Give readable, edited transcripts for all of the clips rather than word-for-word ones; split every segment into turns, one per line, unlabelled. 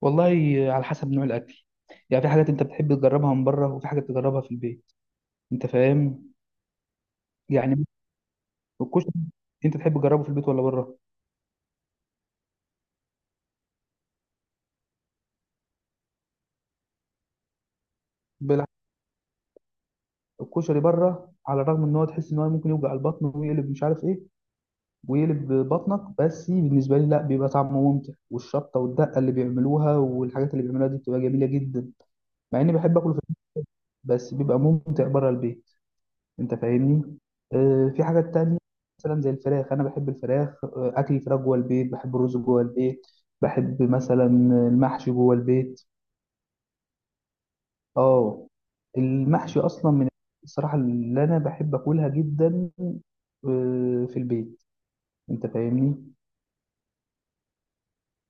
والله، على حسب نوع الاكل. يعني في حاجات انت بتحب تجربها من بره وفي حاجات تجربها في البيت، انت فاهم؟ يعني الكشري، انت تحب تجربه في البيت ولا بره؟ بالعكس، الكشري بره، على الرغم ان هو تحس ان هو ممكن يوجع البطن ويقلب مش عارف ايه ويقلب بطنك، بس بالنسبه لي لا، بيبقى طعمه ممتع، والشطه والدقه اللي بيعملوها والحاجات اللي بيعملوها دي بتبقى جميله جدا. مع اني بحب اكله في البيت بس بيبقى ممتع بره البيت. انت فاهمني؟ في حاجات تانية، مثلا زي الفراخ، انا بحب الفراخ، اكل الفراخ جوه البيت، بحب الرز جوه البيت، بحب مثلا المحشي جوه البيت. اه، المحشي اصلا من الصراحة اللي انا بحب اكلها جدا، في البيت. انت فاهمني؟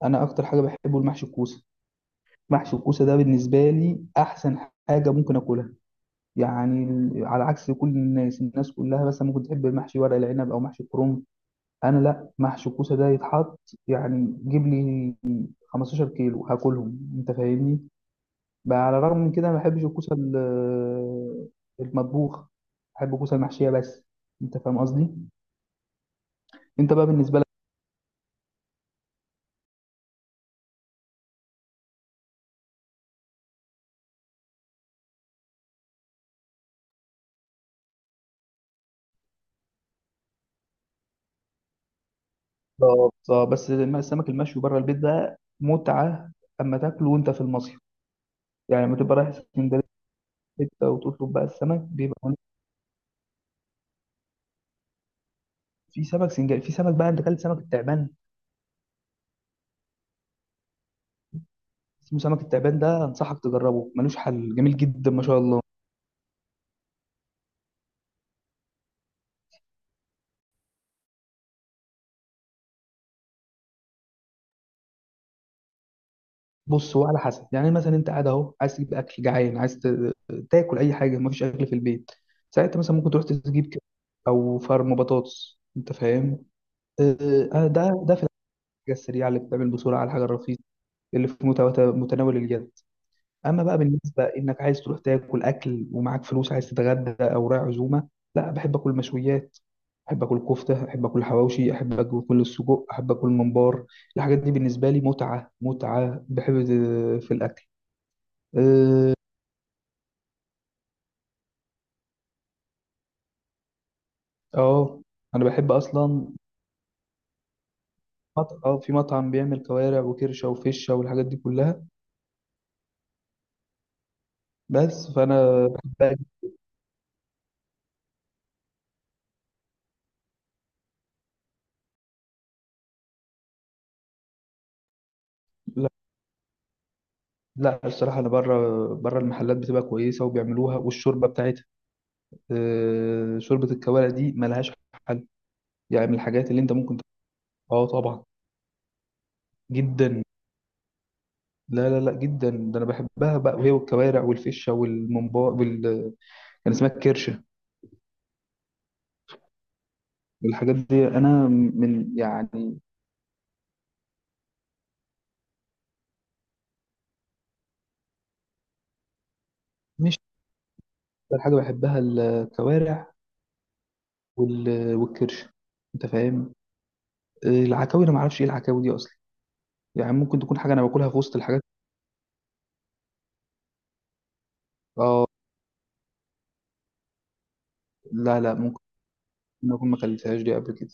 انا اكتر حاجة بحبه المحشي الكوسة. محشي الكوسة ده بالنسبة لي احسن حاجة ممكن اكلها، يعني على عكس كل الناس، الناس كلها مثلا ممكن تحب محشي ورق العنب او محشي الكرنب، انا لا، محشي الكوسه ده يتحط، يعني جيب لي 15 كيلو هاكلهم، انت فاهمني؟ بقى على الرغم من كده ما بحبش الكوسه المطبوخ، بحب الكوسه المحشيه بس. انت فاهم قصدي؟ انت بقى بالنسبه لك؟ بالظبط. اه، بس السمك المشوي بره البيت ده متعه، اما تاكله وانت في المصيف، يعني لما تبقى رايح اسكندريه حته وتطلب بقى السمك بيبقى هناك. في سمك سنجاري، في سمك بقى، انت اكلت سمك التعبان؟ اسمه سمك التعبان، ده انصحك تجربه، ملوش حل، جميل جدا ما شاء الله. بص، هو على حسب، يعني مثلا انت قاعد اهو عايز تجيب اكل، جعان عايز تاكل اي حاجه، مفيش اكل في البيت. ساعتها مثلا ممكن تروح تجيب كده، او فرم بطاطس، انت فاهم؟ آه، ده في الحاجه السريعه اللي بتعمل بسرعه، على الحاجه الرخيصه اللي في متناول اليد. اما بقى بالنسبه انك عايز تروح تاكل اكل ومعاك فلوس، عايز تتغدى او رايح عزومه، لا، بحب اكل مشويات، احب اكل كفته، احب اكل حواوشي، احب اكل السجق، احب اكل ممبار. الحاجات دي بالنسبه لي متعه، متعه، بحب في الاكل. آه، اه، انا بحب اصلا اه في مطعم بيعمل كوارع وكرشه وفشه والحاجات دي كلها، بس فانا بحب لا، لا، الصراحه انا بره، بره المحلات بتبقى كويسه وبيعملوها، والشوربه بتاعتها آه شوربه الكوارع دي ملهاش حل. يعني من الحاجات اللي انت ممكن اه طبعا، جدا، لا لا لا، جدا، ده انا بحبها بقى، وهي والكوارع والفشه والممبار وال... كان اسمها الكرشه. الحاجات دي انا من، يعني مش... اكتر حاجه بحبها الكوارع وال... والكرش، انت فاهم؟ العكاوي انا ما اعرفش ايه العكاوي دي اصلا، يعني ممكن تكون حاجه انا باكلها في وسط الحاجات. اه، لا لا، ممكن اكون ما اكلتهاش دي قبل كده.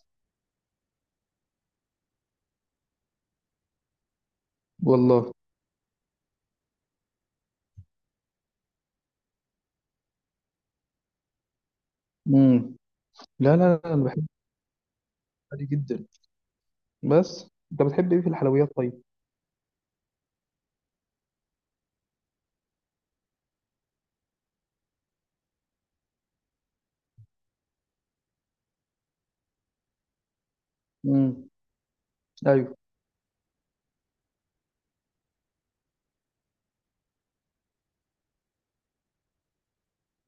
والله. امم. لا لا لا، انا بحب الحلويات دي جدا. بس انت بتحب ايه في الحلويات طيب؟ امم. ايوه.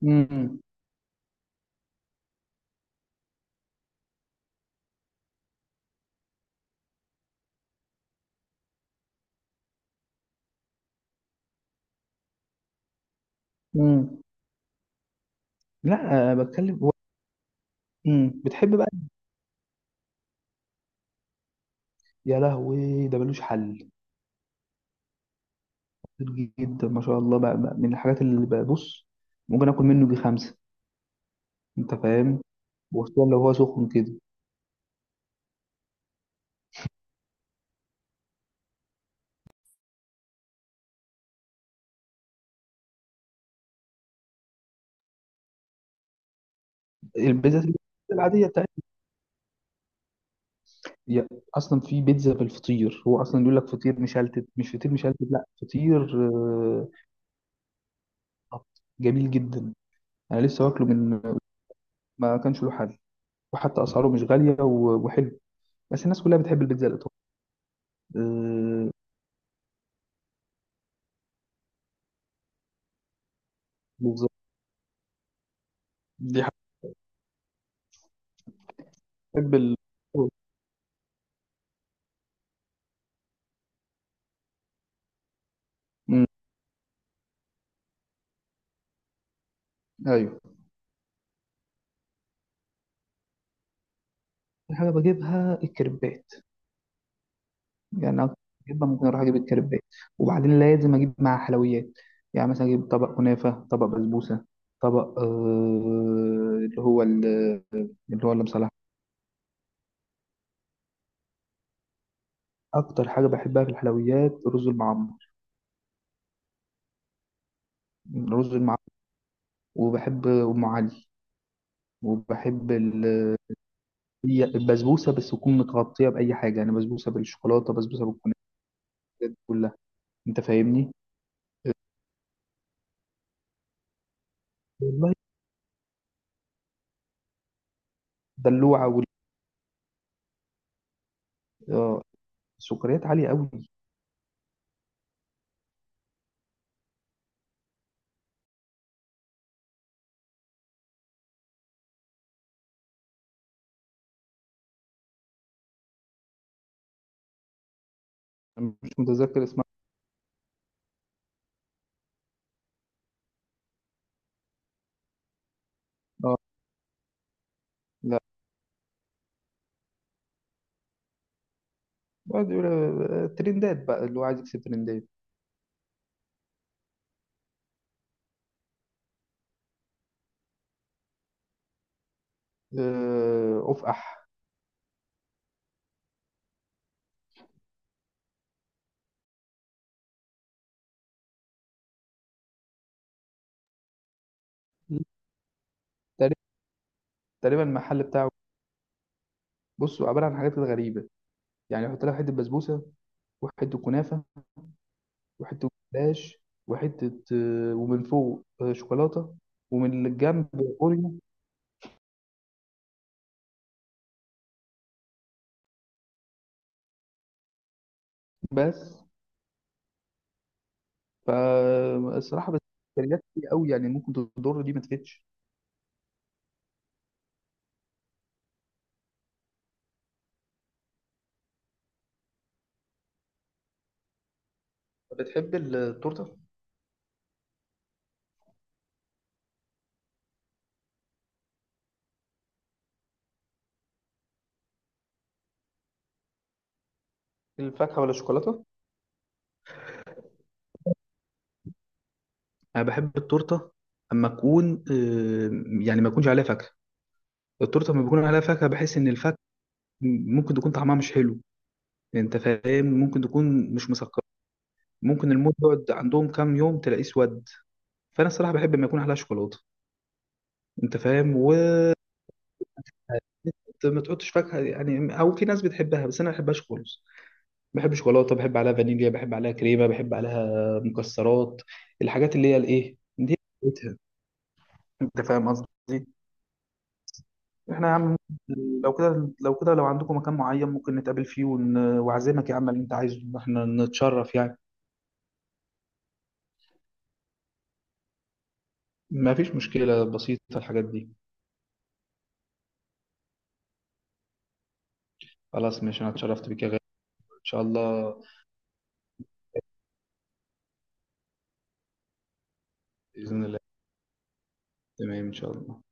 امم. امم. لا، بتكلم امم، بتحب بقى؟ يا لهوي ده ملوش حل، كتير جدا ما شاء الله، بقى من الحاجات اللي ببص ممكن اكل منه جي خمسه. انت فاهم؟ وخصوصا لو هو سخن كده. البيتزا العاديه بتاعتنا هي اصلا، في بيتزا بالفطير هو اصلا، يقول لك فطير مشلتت، مش فطير مشلتت، لا فطير. آه، خط. جميل جدا. انا لسه واكله من، ما كانش له حل، وحتى اسعاره مش غاليه وحلو. بس الناس كلها بتحب البيتزا الايطالي. آه، بالظبط. دي حاجه. بحب ال... مم. ايوه. دي حاجه بجيبها الكريبات، يعني أكتر جدا، ممكن أروح أجيب الكريبات وبعدين لازم أجيب معاه حلويات، يعني مثلا أجيب طبق كنافة، طبق بسبوسة، طبق آه اللي هو ال... اللي هو اللي مصلح. أكتر حاجة بحبها في الحلويات رز المعمر. رز المعمر، وبحب أم علي، وبحب ال... هي البسبوسة بس تكون متغطية بأي حاجة، يعني بسبوسة بالشوكولاتة، بسبوسة بالكنافة، الحاجات دي كلها. أنت فاهمني؟ والله، دلوعة آه، السكريات عالية أوي. أنا مش متذكر اسمها. آه. بعد يقول ترندات بقى، اللي هو عايز يكسب ترندات. افقح. تقريبا. تقريبا المحل بتاعه، بص عباره عن حاجات كده غريبه، يعني يحط لك حته بسبوسه، وحته كنافه، وحته جلاش، وحته ومن فوق شوكولاته، ومن الجنب اوريو. بس فالصراحه بس كالوريات كتير قوي، يعني ممكن تضر دي ما تفيدش. بتحب التورته؟ الفاكهه ولا الشوكولاته؟ انا بحب التورته اما اكون يعني ما يكونش عليها فاكهه. التورته لما بيكون عليها فاكهه بحس ان الفاكهه ممكن تكون طعمها مش حلو، انت فاهم؟ ممكن تكون مش مسكره، ممكن الموز يقعد عندهم كام يوم تلاقيه اسود. فانا الصراحه بحب لما يكون عليها شوكولاته، انت فاهم؟ و ما تحطش فاكهه، يعني او في ناس بتحبها بس انا ما بحبهاش خالص. بحب شوكولاته، بحب عليها فانيليا، بحب عليها كريمه، بحب عليها مكسرات، الحاجات اللي هي الايه دي بتاعتها. انت فاهم قصدي؟ احنا يا عم، لو كده، لو كده لو عندكم مكان معين ممكن نتقابل فيه واعزمك يا عم اللي انت عايزه، احنا نتشرف يعني، ما فيش مشكلة، بسيطة الحاجات دي. خلاص ماشي، أنا اتشرفت بك يا غالي. إن شاء الله. بإذن الله. تمام إن شاء الله.